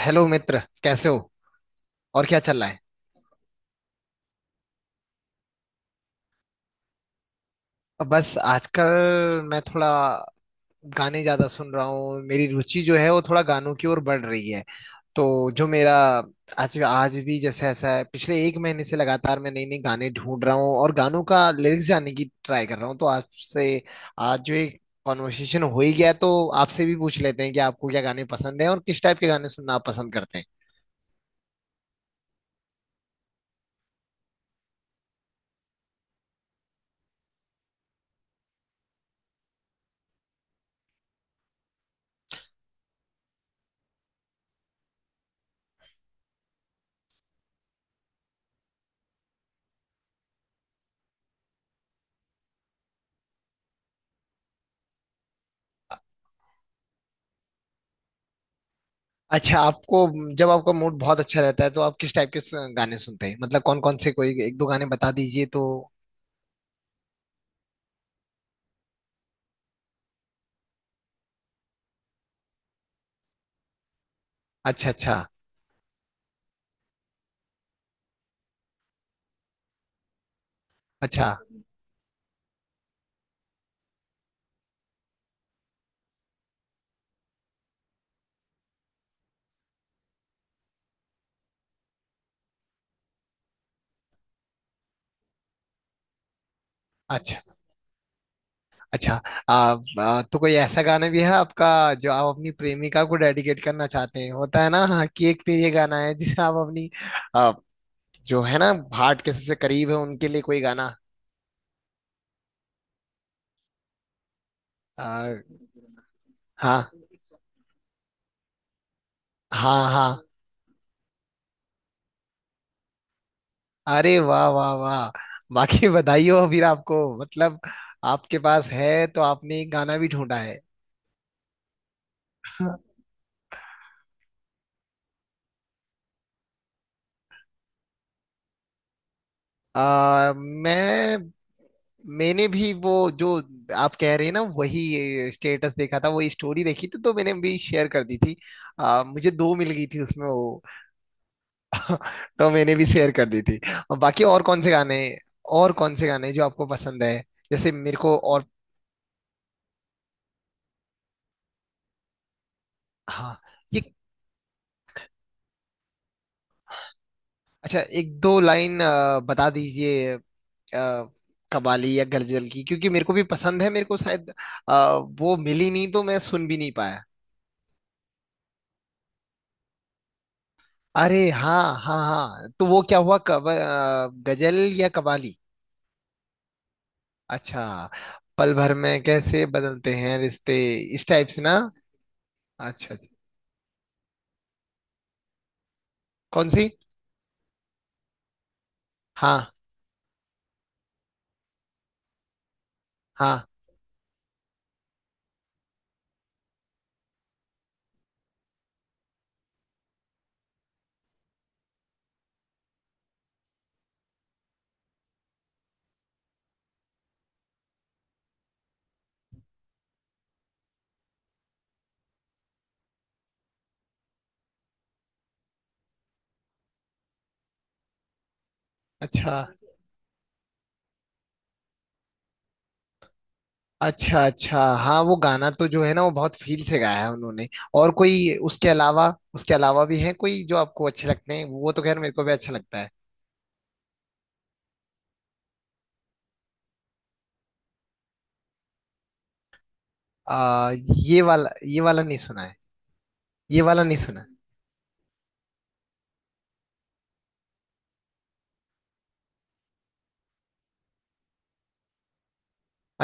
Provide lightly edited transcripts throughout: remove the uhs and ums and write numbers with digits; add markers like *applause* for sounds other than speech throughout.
Hello मित्र, कैसे हो और क्या चल रहा है। बस आजकल मैं थोड़ा गाने ज्यादा सुन रहा हूँ। मेरी रुचि जो है वो थोड़ा गानों की ओर बढ़ रही है। तो जो मेरा आज आज भी जैसे ऐसा है, पिछले एक महीने से लगातार मैं नई नई गाने ढूंढ रहा हूँ और गानों का लिरिक्स जानने की ट्राई कर रहा हूँ। तो आपसे आज जो एक कॉन्वर्सेशन हो ही गया तो आपसे भी पूछ लेते हैं कि आपको क्या गाने पसंद है और किस टाइप के गाने सुनना आप पसंद करते हैं। अच्छा, आपको जब आपका मूड बहुत अच्छा रहता है तो आप किस टाइप के गाने सुनते हैं, मतलब कौन कौन से, कोई एक दो गाने बता दीजिए तो। अच्छा, अच्छा, अच्छा, अच्छा, अच्छा। आ, आ, तो कोई ऐसा गाना भी है आपका जो आप अपनी प्रेमिका को डेडिकेट करना चाहते हैं, होता है ना, हाँ, कि एक पे ये गाना है जिसे आप अपनी आ, जो है ना, हार्ट के सबसे करीब है उनके लिए कोई गाना। आ, हाँ, हाँ, हाँ। अरे वाह, वाह, वाह! बाकी *laughs* बधाई हो फिर आपको, मतलब आपके पास है तो आपने एक गाना भी ढूंढा है। हाँ। आ, मैं मैंने भी वो जो आप कह रहे हैं ना, वही स्टेटस देखा था, वही स्टोरी देखी थी, तो मैंने भी शेयर कर दी थी। मुझे दो मिल गई थी उसमें वो, तो मैंने भी शेयर कर दी थी। और बाकी और कौन से गाने, और कौन से गाने जो आपको पसंद है, जैसे मेरे को और। हाँ ये। अच्छा, एक दो लाइन बता दीजिए। आ, कबाली या गजल की, क्योंकि मेरे को भी पसंद है, मेरे को शायद वो मिली नहीं तो मैं सुन भी नहीं पाया। अरे हाँ, हाँ, हाँ। तो वो क्या हुआ, कब गजल या कवाली। अच्छा। पल भर में कैसे बदलते हैं रिश्ते, इस टाइप से ना। अच्छा, अच्छा। कौन सी? हाँ, हाँ। अच्छा, अच्छा, अच्छा। हाँ, वो गाना तो जो है ना वो बहुत फील से गाया है उन्होंने। और कोई उसके अलावा, उसके अलावा भी है कोई जो आपको अच्छे लगते हैं, वो तो खैर मेरे को भी अच्छा लगता है। आ, ये वाला, ये वाला नहीं सुना है। ये वाला नहीं सुना है।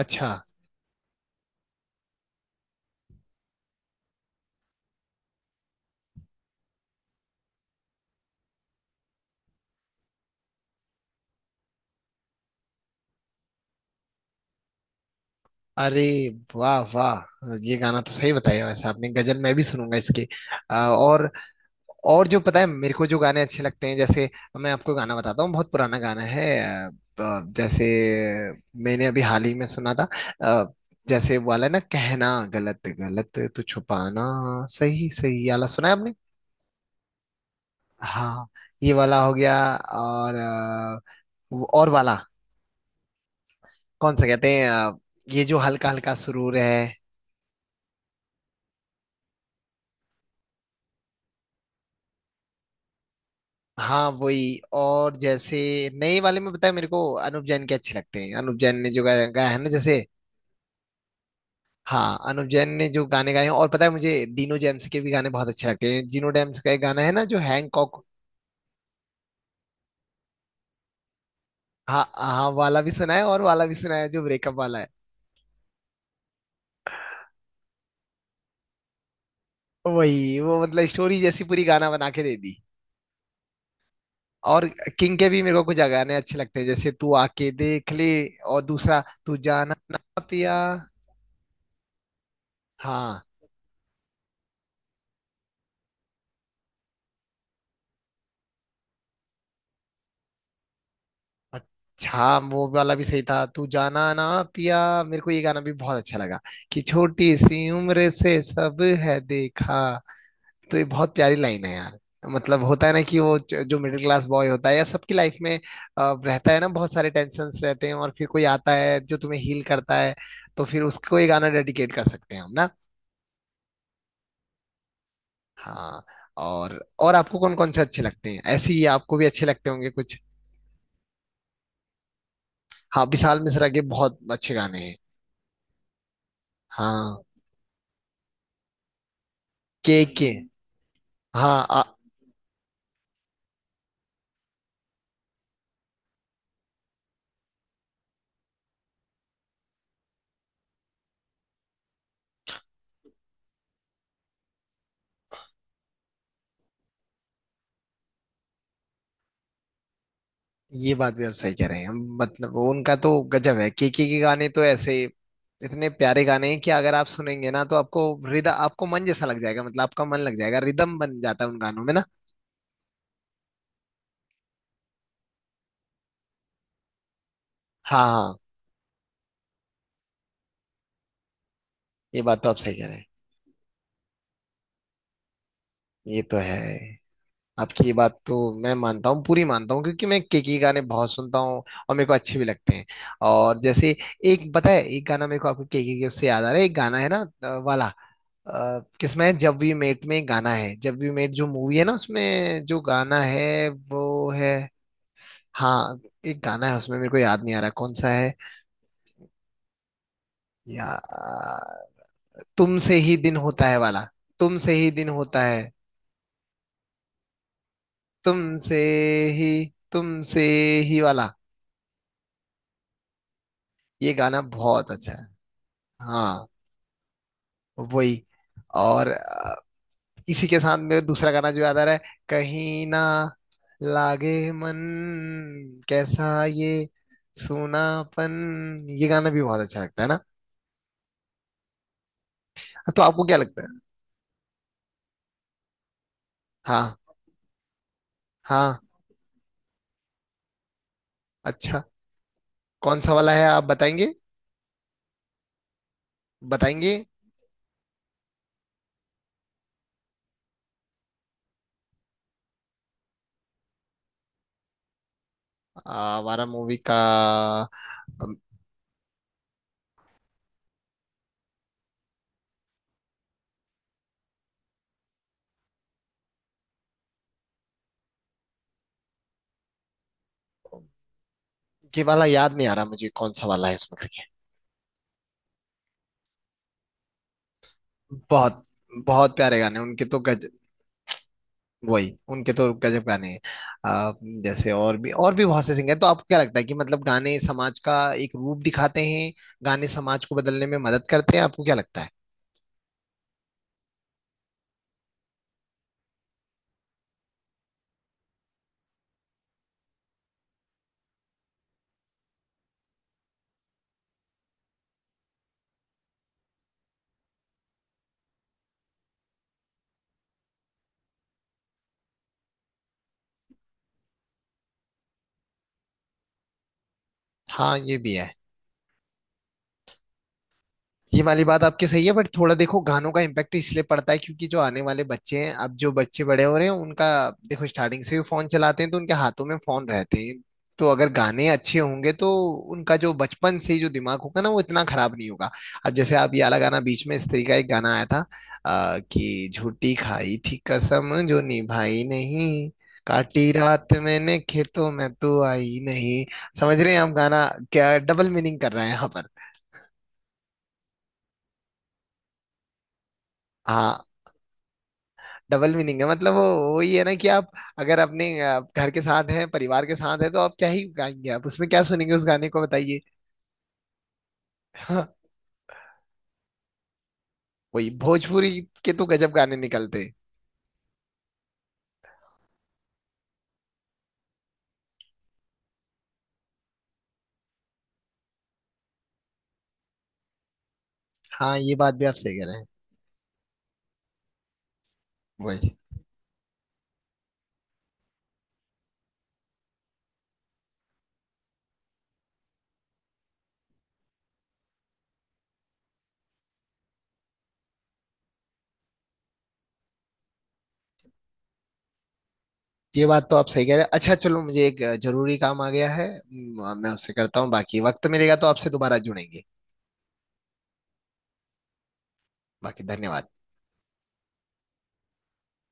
अच्छा। अरे वाह, वाह, ये गाना तो सही बताया वैसे आपने। गजल मैं भी सुनूंगा इसकी। आ, और और जो पता है मेरे को, जो गाने अच्छे लगते हैं, जैसे मैं आपको गाना बताता हूँ, बहुत पुराना गाना है। आ, आ, जैसे मैंने अभी हाल ही में सुना था। आ, जैसे वो वाला ना, कहना गलत गलत तो छुपाना सही सही, ये वाला सुना है आपने। हाँ। ये वाला हो गया। और वाला कौन सा कहते हैं, ये जो हल्का हल्का सुरूर है। हाँ वही। और जैसे नए वाले में, बताया मेरे को अनुप जैन के अच्छे लगते हैं, अनुप जैन ने जो गाया है ना, जैसे। हाँ, अनुप जैन ने जो गाने गाए हैं, और पता है मुझे डीनो जेम्स के भी गाने बहुत अच्छे लगते हैं। डीनो जेम्स का एक गाना है ना जो हैंकॉक। हाँ, हाँ वाला भी सुना है, और वाला भी सुना है जो ब्रेकअप वाला है। वही, वो मतलब स्टोरी जैसी पूरी गाना बना के दे दी। और किंग के भी मेरे को कुछ गाने अच्छे लगते हैं, जैसे तू आके देख ले। और दूसरा, तू जाना ना पिया। हाँ। अच्छा, वो वाला भी सही था, तू जाना ना पिया। मेरे को ये गाना भी बहुत अच्छा लगा, कि छोटी सी उम्र से सब है देखा। तो ये बहुत प्यारी लाइन है यार। मतलब होता है ना कि वो जो मिडिल क्लास बॉय होता है, या सबकी लाइफ में रहता है ना बहुत सारे टेंशन्स रहते हैं, और फिर कोई आता है जो तुम्हें हील करता है। तो फिर उसको ये गाना डेडिकेट कर सकते हैं हम ना। हाँ। और आपको कौन कौन से अच्छे लगते हैं, ऐसे ही आपको भी अच्छे लगते होंगे कुछ। हाँ, विशाल मिश्रा के बहुत अच्छे गाने हैं। हाँ। के के। हाँ। ये बात भी आप सही कह रहे हैं। मतलब वो उनका तो गजब है। केके के गाने तो ऐसे इतने प्यारे गाने हैं कि अगर आप सुनेंगे ना, तो आपको हृदय, आपको मन जैसा लग जाएगा, मतलब आपका मन लग जाएगा, रिदम बन जाता है उन गानों में ना। हाँ, हाँ। ये बात तो आप सही कह रहे हैं। ये तो है। आपकी ये बात तो मैं मानता हूँ, पूरी मानता हूँ, क्योंकि मैं के गाने बहुत सुनता हूँ, और मेरे को अच्छे भी लगते हैं। और जैसे एक पता है, एक गाना मेरे को, आपको के, उससे याद आ रहा है एक गाना है ना, वाला, किसमें है, जब वी मेट में एक गाना है, जब वी मेट जो मूवी है ना उसमें जो गाना है वो है। हाँ। एक गाना है उसमें मेरे को याद नहीं आ रहा कौन सा है, या तुमसे ही दिन होता है वाला। तुमसे ही दिन होता है। तुमसे ही, तुमसे ही वाला। ये गाना बहुत अच्छा है। हाँ वही। और इसी के साथ में दूसरा गाना जो याद आ रहा है, कहीं ना लागे मन कैसा ये सूनापन, ये गाना भी बहुत अच्छा लगता है ना। तो आपको क्या लगता है। हाँ, हाँ। अच्छा, कौन सा वाला है आप बताएंगे, बताएंगे, हमारा मूवी का। अम, ये वाला याद नहीं आ रहा मुझे कौन सा वाला है इसमें करके। बहुत बहुत प्यारे गाने उनके तो, गज। वही, उनके तो गजब गाने हैं। आ, जैसे और भी, और भी बहुत से सिंगर हैं, तो आपको क्या लगता है कि मतलब गाने समाज का एक रूप दिखाते हैं, गाने समाज को बदलने में मदद करते हैं, आपको क्या लगता है। हाँ ये भी है। ये वाली बात आपकी सही है, बट थोड़ा देखो, गानों का इम्पैक्ट इसलिए पड़ता है क्योंकि जो आने वाले बच्चे हैं, अब जो बच्चे बड़े हो रहे हैं उनका, देखो स्टार्टिंग से ही फोन चलाते हैं, तो उनके हाथों में फोन रहते हैं। तो अगर गाने अच्छे होंगे, तो उनका जो बचपन से जो दिमाग होगा ना, वो इतना खराब नहीं होगा। अब जैसे आप ये वाला गाना, बीच में स्त्री का एक गाना आया था कि झूठी खाई थी कसम जो निभाई नहीं, काटी रात मैंने खेतों में तू आई नहीं। समझ रहे हैं हम गाना क्या डबल मीनिंग कर रहे हैं यहाँ पर। हाँ। डबल मीनिंग है, मतलब वो वही है ना, कि आप अगर अपने घर के साथ हैं, परिवार के साथ हैं, तो आप क्या ही गाएंगे, आप उसमें क्या सुनेंगे उस गाने को, बताइए। हाँ, वही भोजपुरी के तो गजब गाने निकलते हैं। हाँ ये बात भी आप सही कह रहे हैं। वही, ये बात तो आप सही कह रहे हैं। अच्छा, चलो, मुझे एक जरूरी काम आ गया है, मैं उससे करता हूँ, बाकी वक्त मिलेगा तो आपसे दोबारा जुड़ेंगे। बाकी धन्यवाद।